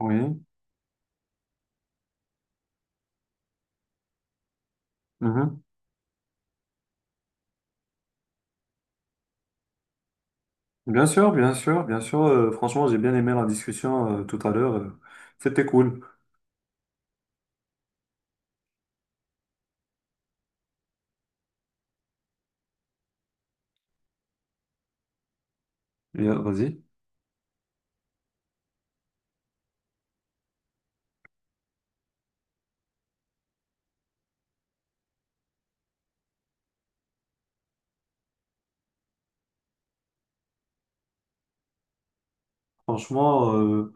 Oui, mhm. Bien sûr, bien sûr, bien sûr. Franchement, j'ai bien aimé la discussion tout à l'heure. C'était cool. Et, vas-y. Franchement,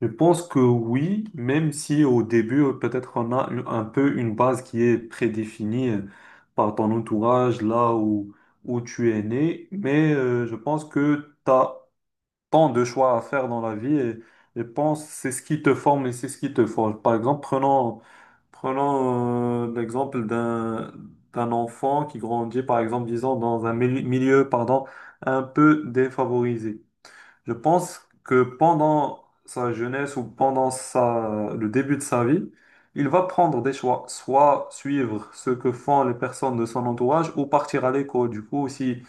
je pense que oui, même si au début, peut-être on a un peu une base qui est prédéfinie par ton entourage, là où, où tu es né. Mais je pense que tu as tant de choix à faire dans la vie et pense c'est ce qui te forme et c'est ce qui te forge. Par exemple, prenons l'exemple d'un enfant qui grandit, par exemple, disons, dans un milieu, pardon, un peu défavorisé. Je pense que pendant sa jeunesse ou pendant sa, le début de sa vie, il va prendre des choix, soit suivre ce que font les personnes de son entourage ou partir à l'école. Du coup, si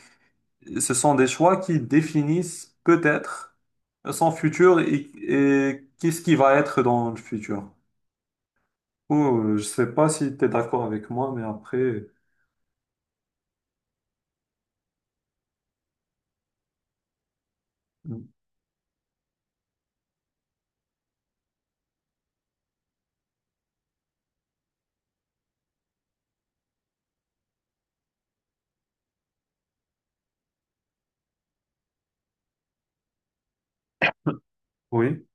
ce sont des choix qui définissent peut-être son futur et qu'est-ce qui va être dans le futur. Oh, je sais pas si tu es d'accord avec moi, mais après, oui,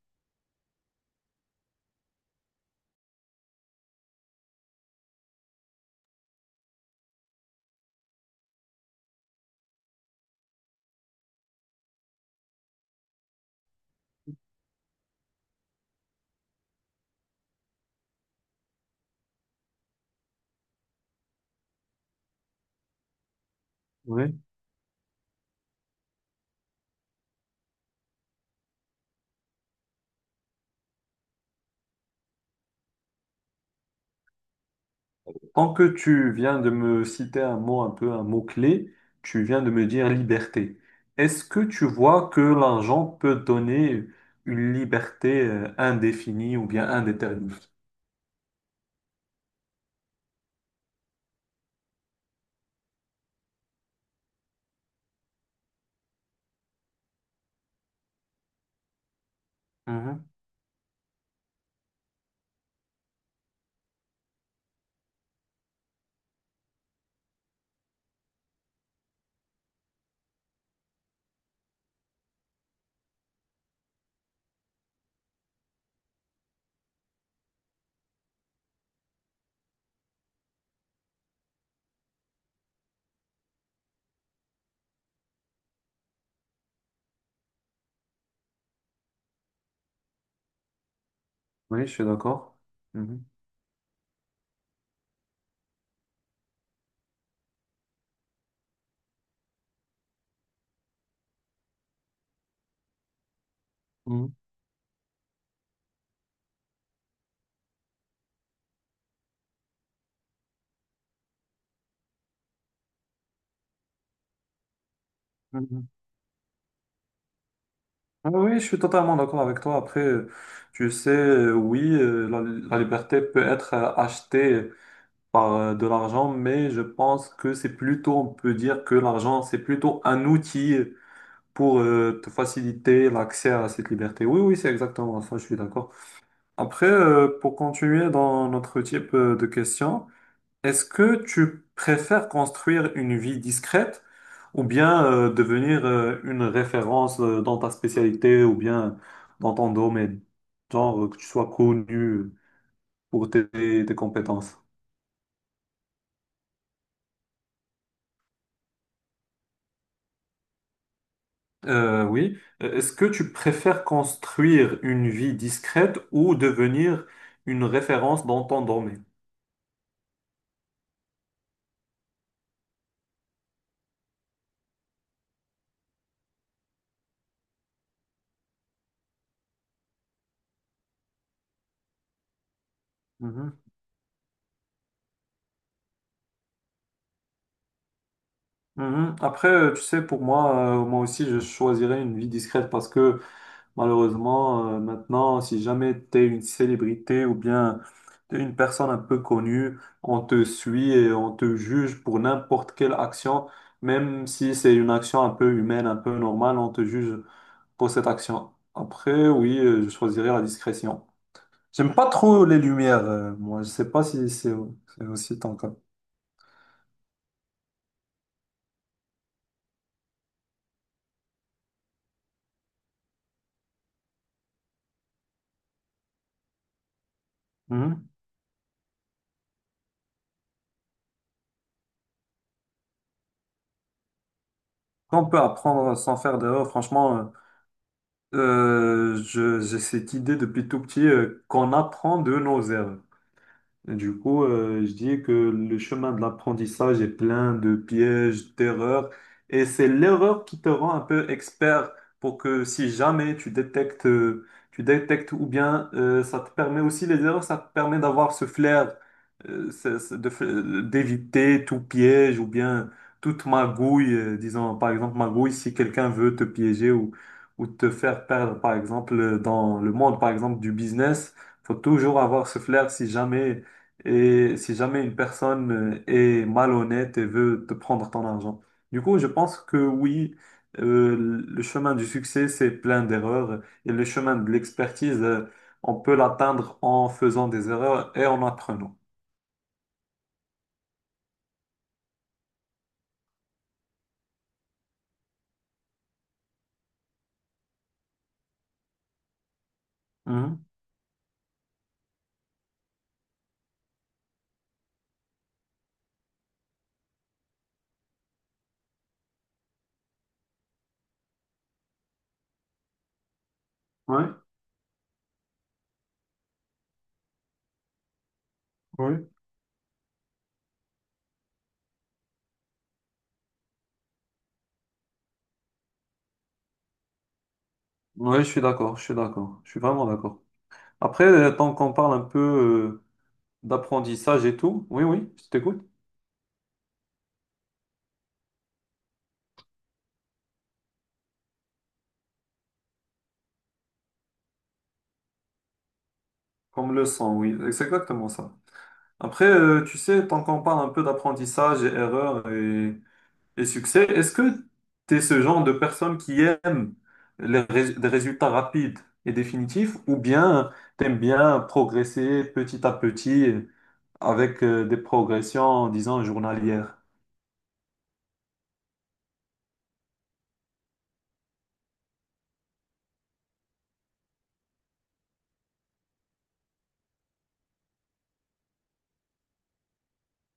oui. Tant que tu viens de me citer un mot, un peu un mot-clé, tu viens de me dire liberté. Est-ce que tu vois que l'argent peut donner une liberté indéfinie ou bien indéterminée? Mhm. Oui, je suis d'accord. Mhm. Mhm. Ah oui, je suis totalement d'accord avec toi. Après, tu sais, oui, la liberté peut être achetée par de l'argent, mais je pense que c'est plutôt, on peut dire que l'argent, c'est plutôt un outil pour te faciliter l'accès à cette liberté. Oui, oui, c'est exactement ça, je suis d'accord. Après, pour continuer dans notre type de questions, est-ce que tu préfères construire une vie discrète ou bien devenir une référence dans ta spécialité ou bien dans ton domaine, genre que tu sois connu pour tes compétences? Oui. Est-ce que tu préfères construire une vie discrète ou devenir une référence dans ton domaine? Mhm. Mhm. Après, tu sais, pour moi, moi aussi, je choisirais une vie discrète parce que malheureusement, maintenant, si jamais tu es une célébrité ou bien t'es une personne un peu connue, on te suit et on te juge pour n'importe quelle action, même si c'est une action un peu humaine, un peu normale, on te juge pour cette action. Après, oui, je choisirais la discrétion. J'aime pas trop les lumières, moi. Je sais pas si c'est aussi ton cas. Mhm. On peut apprendre sans faire d'erreur, franchement. J'ai cette idée depuis tout petit qu'on apprend de nos erreurs. Du coup, je dis que le chemin de l'apprentissage est plein de pièges, d'erreurs, et c'est l'erreur qui te rend un peu expert pour que si jamais tu détectes, tu détectes ou bien ça te permet aussi les erreurs, ça te permet d'avoir ce flair, d'éviter tout piège ou bien toute magouille, disons par exemple magouille si quelqu'un veut te piéger ou te faire perdre par exemple dans le monde par exemple du business. Faut toujours avoir ce flair si jamais et si jamais une personne est malhonnête et veut te prendre ton argent. Du coup, je pense que oui, euh, le chemin du succès, c'est plein d'erreurs et le chemin de l'expertise, on peut l'atteindre en faisant des erreurs et en apprenant. Mhm. Ouais, ouais. Ouais, je suis d'accord, je suis d'accord, je suis vraiment d'accord. Après, tant qu'on parle un peu d'apprentissage et tout, oui, oui, je t'écoute. Comme le sang, oui, c'est exactement ça. Après, tu sais, tant qu'on parle un peu d'apprentissage et erreur et succès. Est-ce que tu es ce genre de personne qui aime les des résultats rapides et définitifs ou bien tu aimes bien progresser petit à petit avec des progressions, disons, journalières?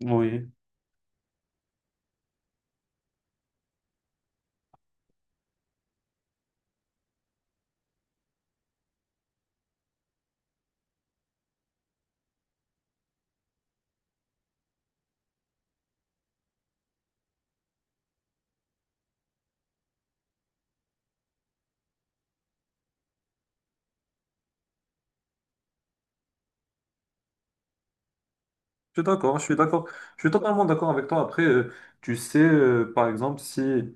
Oui, je suis d'accord, je suis d'accord. Je suis totalement d'accord avec toi. Après, tu sais, par exemple, si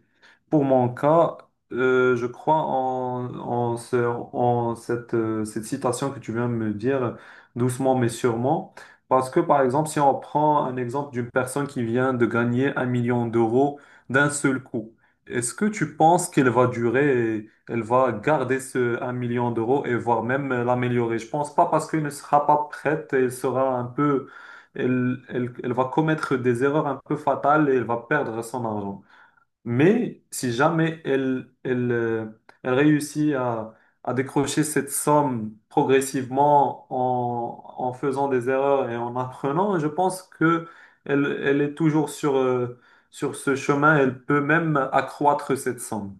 pour mon cas, je crois en cette, cette citation que tu viens de me dire, doucement mais sûrement. Parce que, par exemple, si on prend un exemple d'une personne qui vient de gagner 1 million d'euros d'un seul coup, est-ce que tu penses qu'elle va durer, et elle va garder ce 1 million d'euros et voire même l'améliorer? Je pense pas parce qu'elle ne sera pas prête, elle sera un peu, elle va commettre des erreurs un peu fatales et elle va perdre son argent. Mais si jamais elle réussit à décrocher cette somme progressivement en faisant des erreurs et en apprenant, je pense que elle est toujours sur, sur ce chemin. Elle peut même accroître cette somme.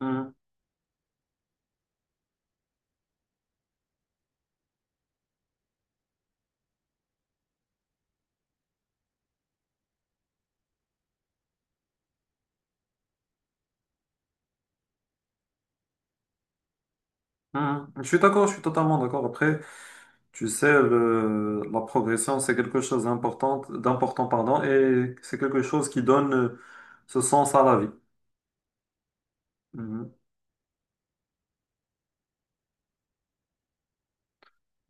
Mhm. Mhm. Je suis d'accord, je suis totalement d'accord. Après, tu sais, la progression, c'est quelque chose d'important, d'important, pardon, et c'est quelque chose qui donne ce sens à la vie.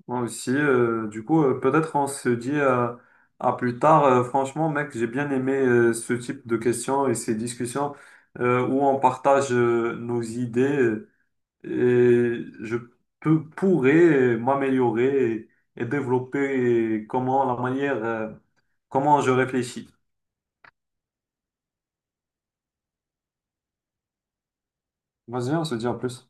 Moi aussi, du coup, peut-être on se dit à plus tard. Franchement, mec, j'ai bien aimé ce type de questions et ces discussions où on partage nos idées et je pourrais m'améliorer et développer comment la manière, comment je réfléchis. Vas-y, on se dit à plus.